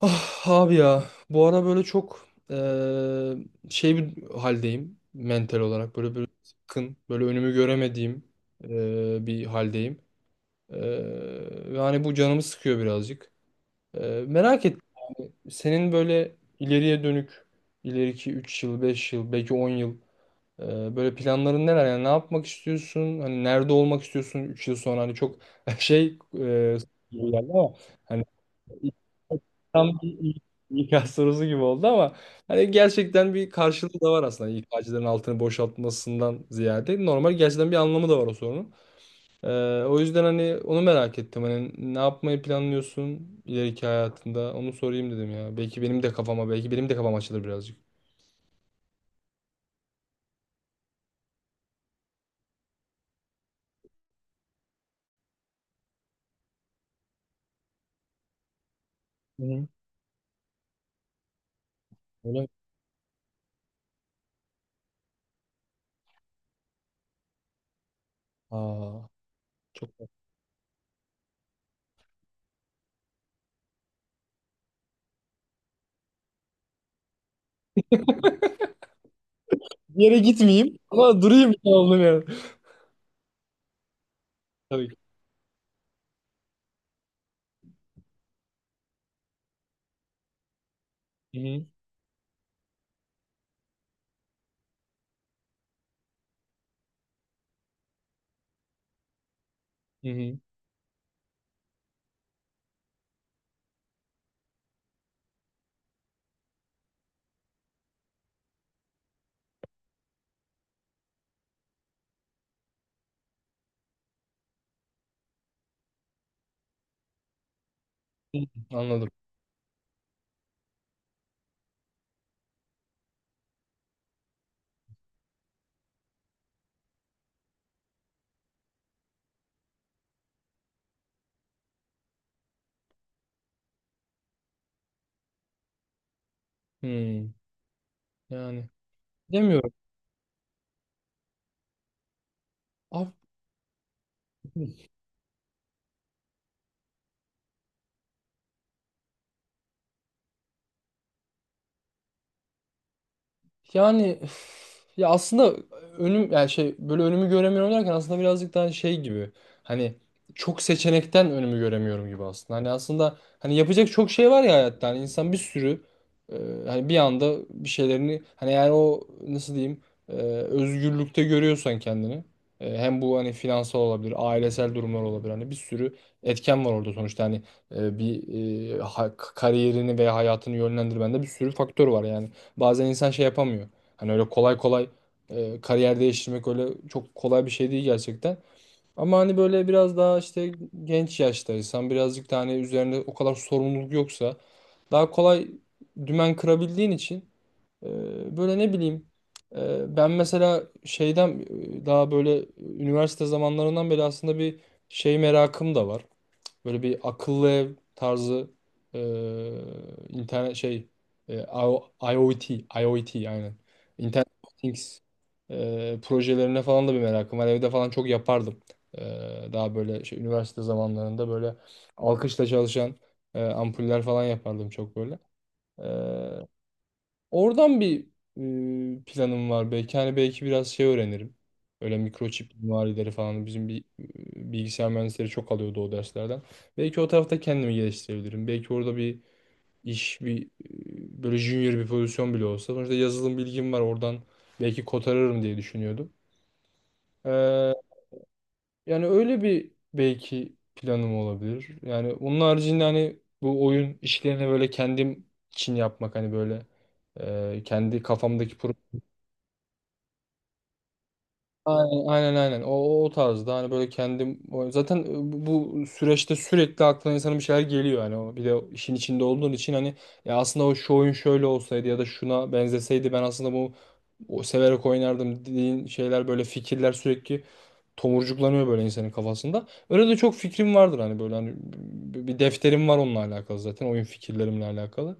Ah abi ya bu ara böyle çok şey bir haldeyim mental olarak böyle böyle sıkkın böyle önümü göremediğim bir haldeyim. Ve hani bu canımı sıkıyor birazcık. Merak ettim yani senin böyle ileriye dönük ileriki 3 yıl 5 yıl belki 10 yıl eee, böyle planların neler, yani ne yapmak istiyorsun, hani nerede olmak istiyorsun 3 yıl sonra, hani çok şey gibi geldi ama hani tam bir İK sorusu gibi oldu ama hani gerçekten bir karşılığı da var aslında. İK'cıların altını boşaltmasından ziyade normal, gerçekten bir anlamı da var o sorunun. Ee, o yüzden hani onu merak ettim. Hani ne yapmayı planlıyorsun ileriki hayatında? Onu sorayım dedim ya. Belki benim de kafama, belki benim de kafam açılır birazcık. Hı hı. Öyle mi? Aa, çok. Bir yere gitmeyeyim ama durayım, oldum yani. Tabii ki. Hı hı. Hı hı. Hı, anladım. Hı. Yani demiyorum. Yani üf, ya aslında önüm yani şey, böyle önümü göremiyorum derken aslında birazcık daha şey gibi. Hani çok seçenekten önümü göremiyorum gibi aslında. Hani aslında hani yapacak çok şey var ya hayatta. Hani insan bir sürü e, hani bir anda bir şeylerini hani, yani o nasıl diyeyim, özgürlükte görüyorsan kendini, hem bu hani finansal olabilir, ailesel durumlar olabilir. Hani bir sürü etken var orada sonuçta. Hani bir kariyerini veya hayatını yönlendirmende bir sürü faktör var yani. Bazen insan şey yapamıyor. Hani öyle kolay kolay kariyer değiştirmek öyle çok kolay bir şey değil gerçekten. Ama hani böyle biraz daha işte genç yaştaysan, birazcık da hani üzerinde o kadar sorumluluk yoksa daha kolay dümen kırabildiğin için, böyle ne bileyim, ben mesela şeyden, daha böyle üniversite zamanlarından beri aslında bir şey merakım da var. Böyle bir akıllı ev tarzı, e, internet şey, e, IO- IoT IoT aynen. Internet of Things projelerine falan da bir merakım var. Evde falan çok yapardım. E, daha böyle şey, üniversite zamanlarında böyle alkışla çalışan ampuller falan yapardım çok böyle. E, Oradan bir planım var belki. Hani belki biraz şey öğrenirim. Öyle mikroçip mimarileri falan. Bizim bir bilgisayar mühendisleri çok alıyordu o derslerden. Belki o tarafta kendimi geliştirebilirim. Belki orada bir iş, bir böyle junior bir pozisyon bile olsa. Sonuçta yazılım bilgim var oradan. Belki kotarırım diye düşünüyordum. Ee, yani öyle bir belki planım olabilir. Yani onun haricinde hani bu oyun işlerini böyle kendim için yapmak, hani böyle kendi kafamdaki. Aynen, aynen, aynen. O tarzda hani, böyle kendim zaten, bu süreçte sürekli aklına insanın bir şeyler geliyor hani, o bir de o işin içinde olduğun için hani, ya aslında o şu oyun şöyle olsaydı ya da şuna benzeseydi ben aslında bu, o severek oynardım dediğin şeyler, böyle fikirler sürekli tomurcuklanıyor böyle insanın kafasında. Öyle de çok fikrim vardır hani, böyle hani bir defterim var onunla alakalı, zaten oyun fikirlerimle alakalı.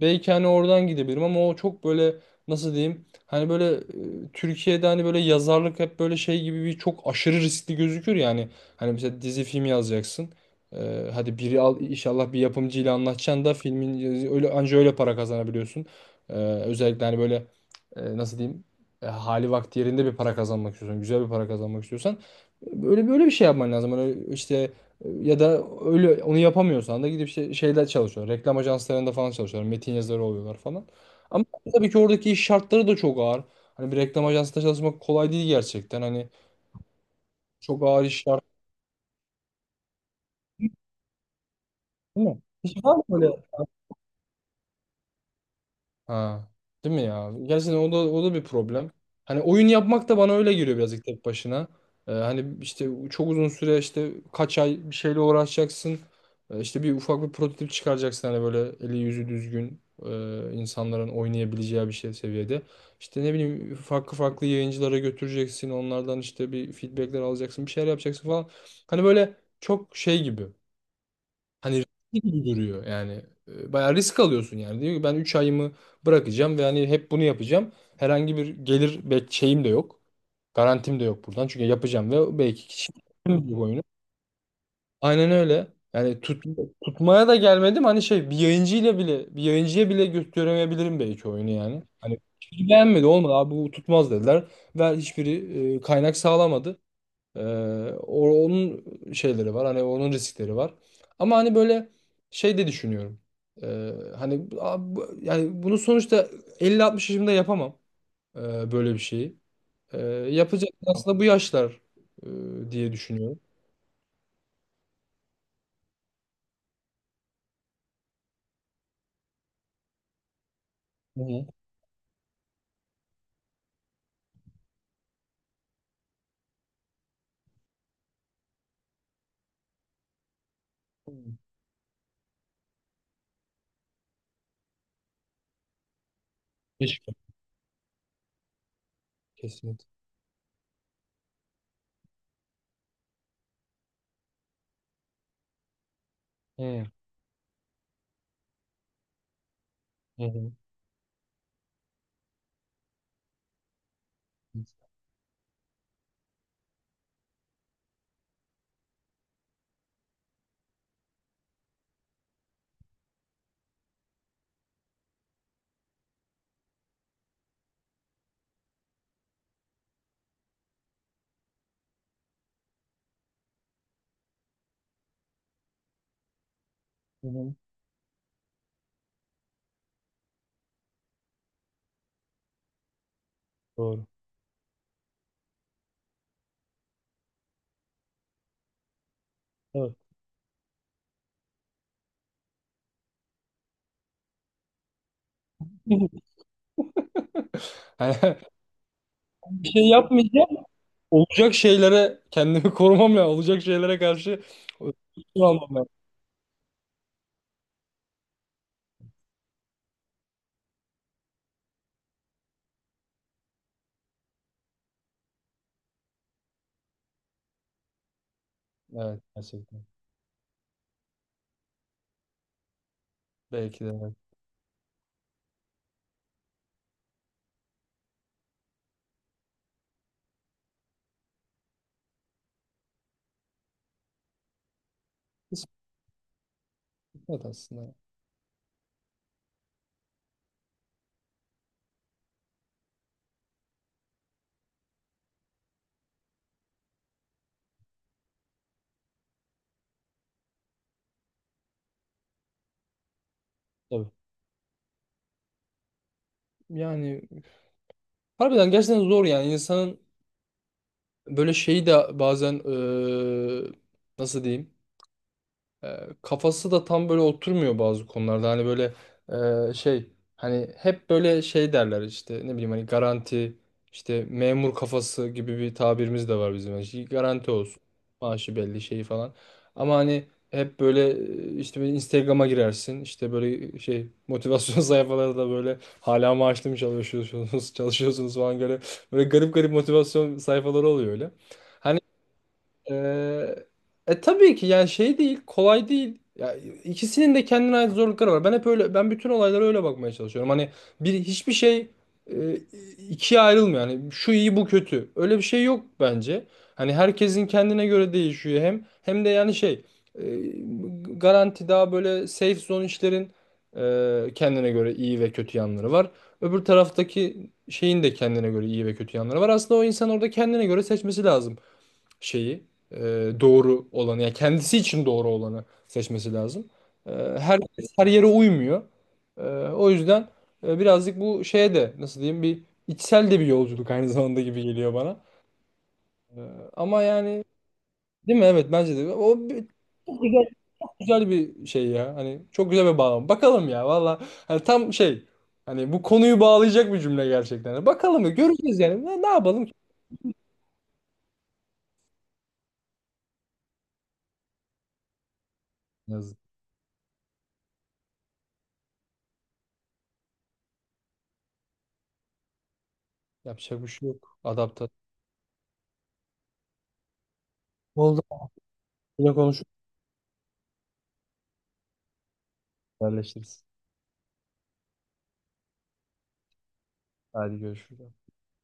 Belki hani oradan gidebilirim ama o çok böyle, nasıl diyeyim, hani böyle Türkiye'de hani böyle yazarlık hep böyle şey gibi, bir çok aşırı riskli gözükür yani. Hani mesela dizi film yazacaksın. Hadi biri al inşallah, bir yapımcıyla anlaşacaksın da filmin, öyle anca öyle para kazanabiliyorsun. Özellikle hani böyle nasıl diyeyim, hali vakti yerinde bir para kazanmak istiyorsan, güzel bir para kazanmak istiyorsan böyle böyle bir şey yapman lazım. Hani işte, ya da öyle onu yapamıyorsan da gidip şeyler çalışıyor. Reklam ajanslarında falan çalışıyorlar. Metin yazarı oluyorlar falan. Ama tabii ki oradaki iş şartları da çok ağır. Hani bir reklam ajansında çalışmak kolay değil gerçekten. Hani çok ağır iş şartları, değil mi? Hiç var mı böyle? Ha. Değil mi ya? Gerçekten o da, o da bir problem. Hani oyun yapmak da bana öyle geliyor birazcık tek başına. Hani işte çok uzun süre işte kaç ay bir şeyle uğraşacaksın. İşte bir ufak bir prototip çıkaracaksın hani böyle eli yüzü düzgün, insanların oynayabileceği bir şey seviyede. İşte ne bileyim farklı farklı yayıncılara götüreceksin. Onlardan işte bir feedbackler alacaksın. Bir şeyler yapacaksın falan. Hani böyle çok şey gibi. Hani riskli gibi duruyor yani. Bayağı risk alıyorsun yani. Diyor ki ben 3 ayımı bırakacağım ve hani hep bunu yapacağım. Herhangi bir gelir şeyim de yok. Garantim de yok buradan. Çünkü yapacağım ve belki kişi bu oyunu. Aynen öyle. Yani tutmaya da gelmedim. Hani şey, bir yayıncıya bile gösteremeyebilirim belki oyunu yani. Hani hiç beğenmedi, olmadı abi bu tutmaz dediler. Ve hiçbiri kaynak sağlamadı. Ee, onun şeyleri var. Hani onun riskleri var. Ama hani böyle şey de düşünüyorum. Ee, hani yani bunu sonuçta 50 60 yaşımda yapamam, böyle bir şeyi. Yapacak aslında bu yaşlar, diye düşünüyorum. Hı hı. Keşke. Kesinlikle. Hı hı. Hı hı. Hı. Doğru. Evet. Hani bir şey yapmayacağım. Olacak şeylere kendimi korumam lazım. Olacak şeylere karşı önlem almam lazım. Evet, gerçekten. Belki de. Kısmet aslında. Tabii. Yani harbiden gerçekten zor yani, insanın böyle şeyi de bazen nasıl diyeyim? E, kafası da tam böyle oturmuyor bazı konularda. Hani böyle şey, hani hep böyle şey derler işte, ne bileyim, hani garanti, işte memur kafası gibi bir tabirimiz de var bizim. Yani garanti olsun. Maaşı belli şeyi falan. Ama hani hep böyle işte böyle Instagram'a girersin. İşte böyle şey motivasyon sayfaları da böyle, hala maaşlı mı çalışıyorsunuz çalışıyorsunuz falan, böyle böyle garip garip motivasyon sayfaları oluyor öyle. Hani, ee, tabii ki yani şey değil, kolay değil. Ya ikisinin de kendine ait zorlukları var. Ben hep öyle, ben bütün olaylara öyle bakmaya çalışıyorum. Hani hiçbir şey e, ikiye ayrılmıyor. Yani şu iyi bu kötü, öyle bir şey yok bence. Hani herkesin kendine göre değişiyor, hem de yani şey, e, garanti daha böyle safe zone işlerin kendine göre iyi ve kötü yanları var. Öbür taraftaki şeyin de kendine göre iyi ve kötü yanları var. Aslında o insan orada kendine göre seçmesi lazım şeyi, e, doğru olanı, yani kendisi için doğru olanı seçmesi lazım. E, her her yere uymuyor. E, o yüzden birazcık bu şeye de, nasıl diyeyim, bir içsel de bir yolculuk aynı zamanda gibi geliyor bana. E, ama yani, değil mi? Evet, bence de. O güzel bir şey ya. Hani çok güzel bir bağlam. Bakalım ya valla. Hani tam şey, hani bu konuyu bağlayacak bir cümle gerçekten. Bakalım ya, göreceğiz yani. Ne yapalım ki? Yazık. Yapacak bir şey yok. Adapte. Oldu. Yine konuşuruz. Haberleşiriz. Hadi görüşürüz.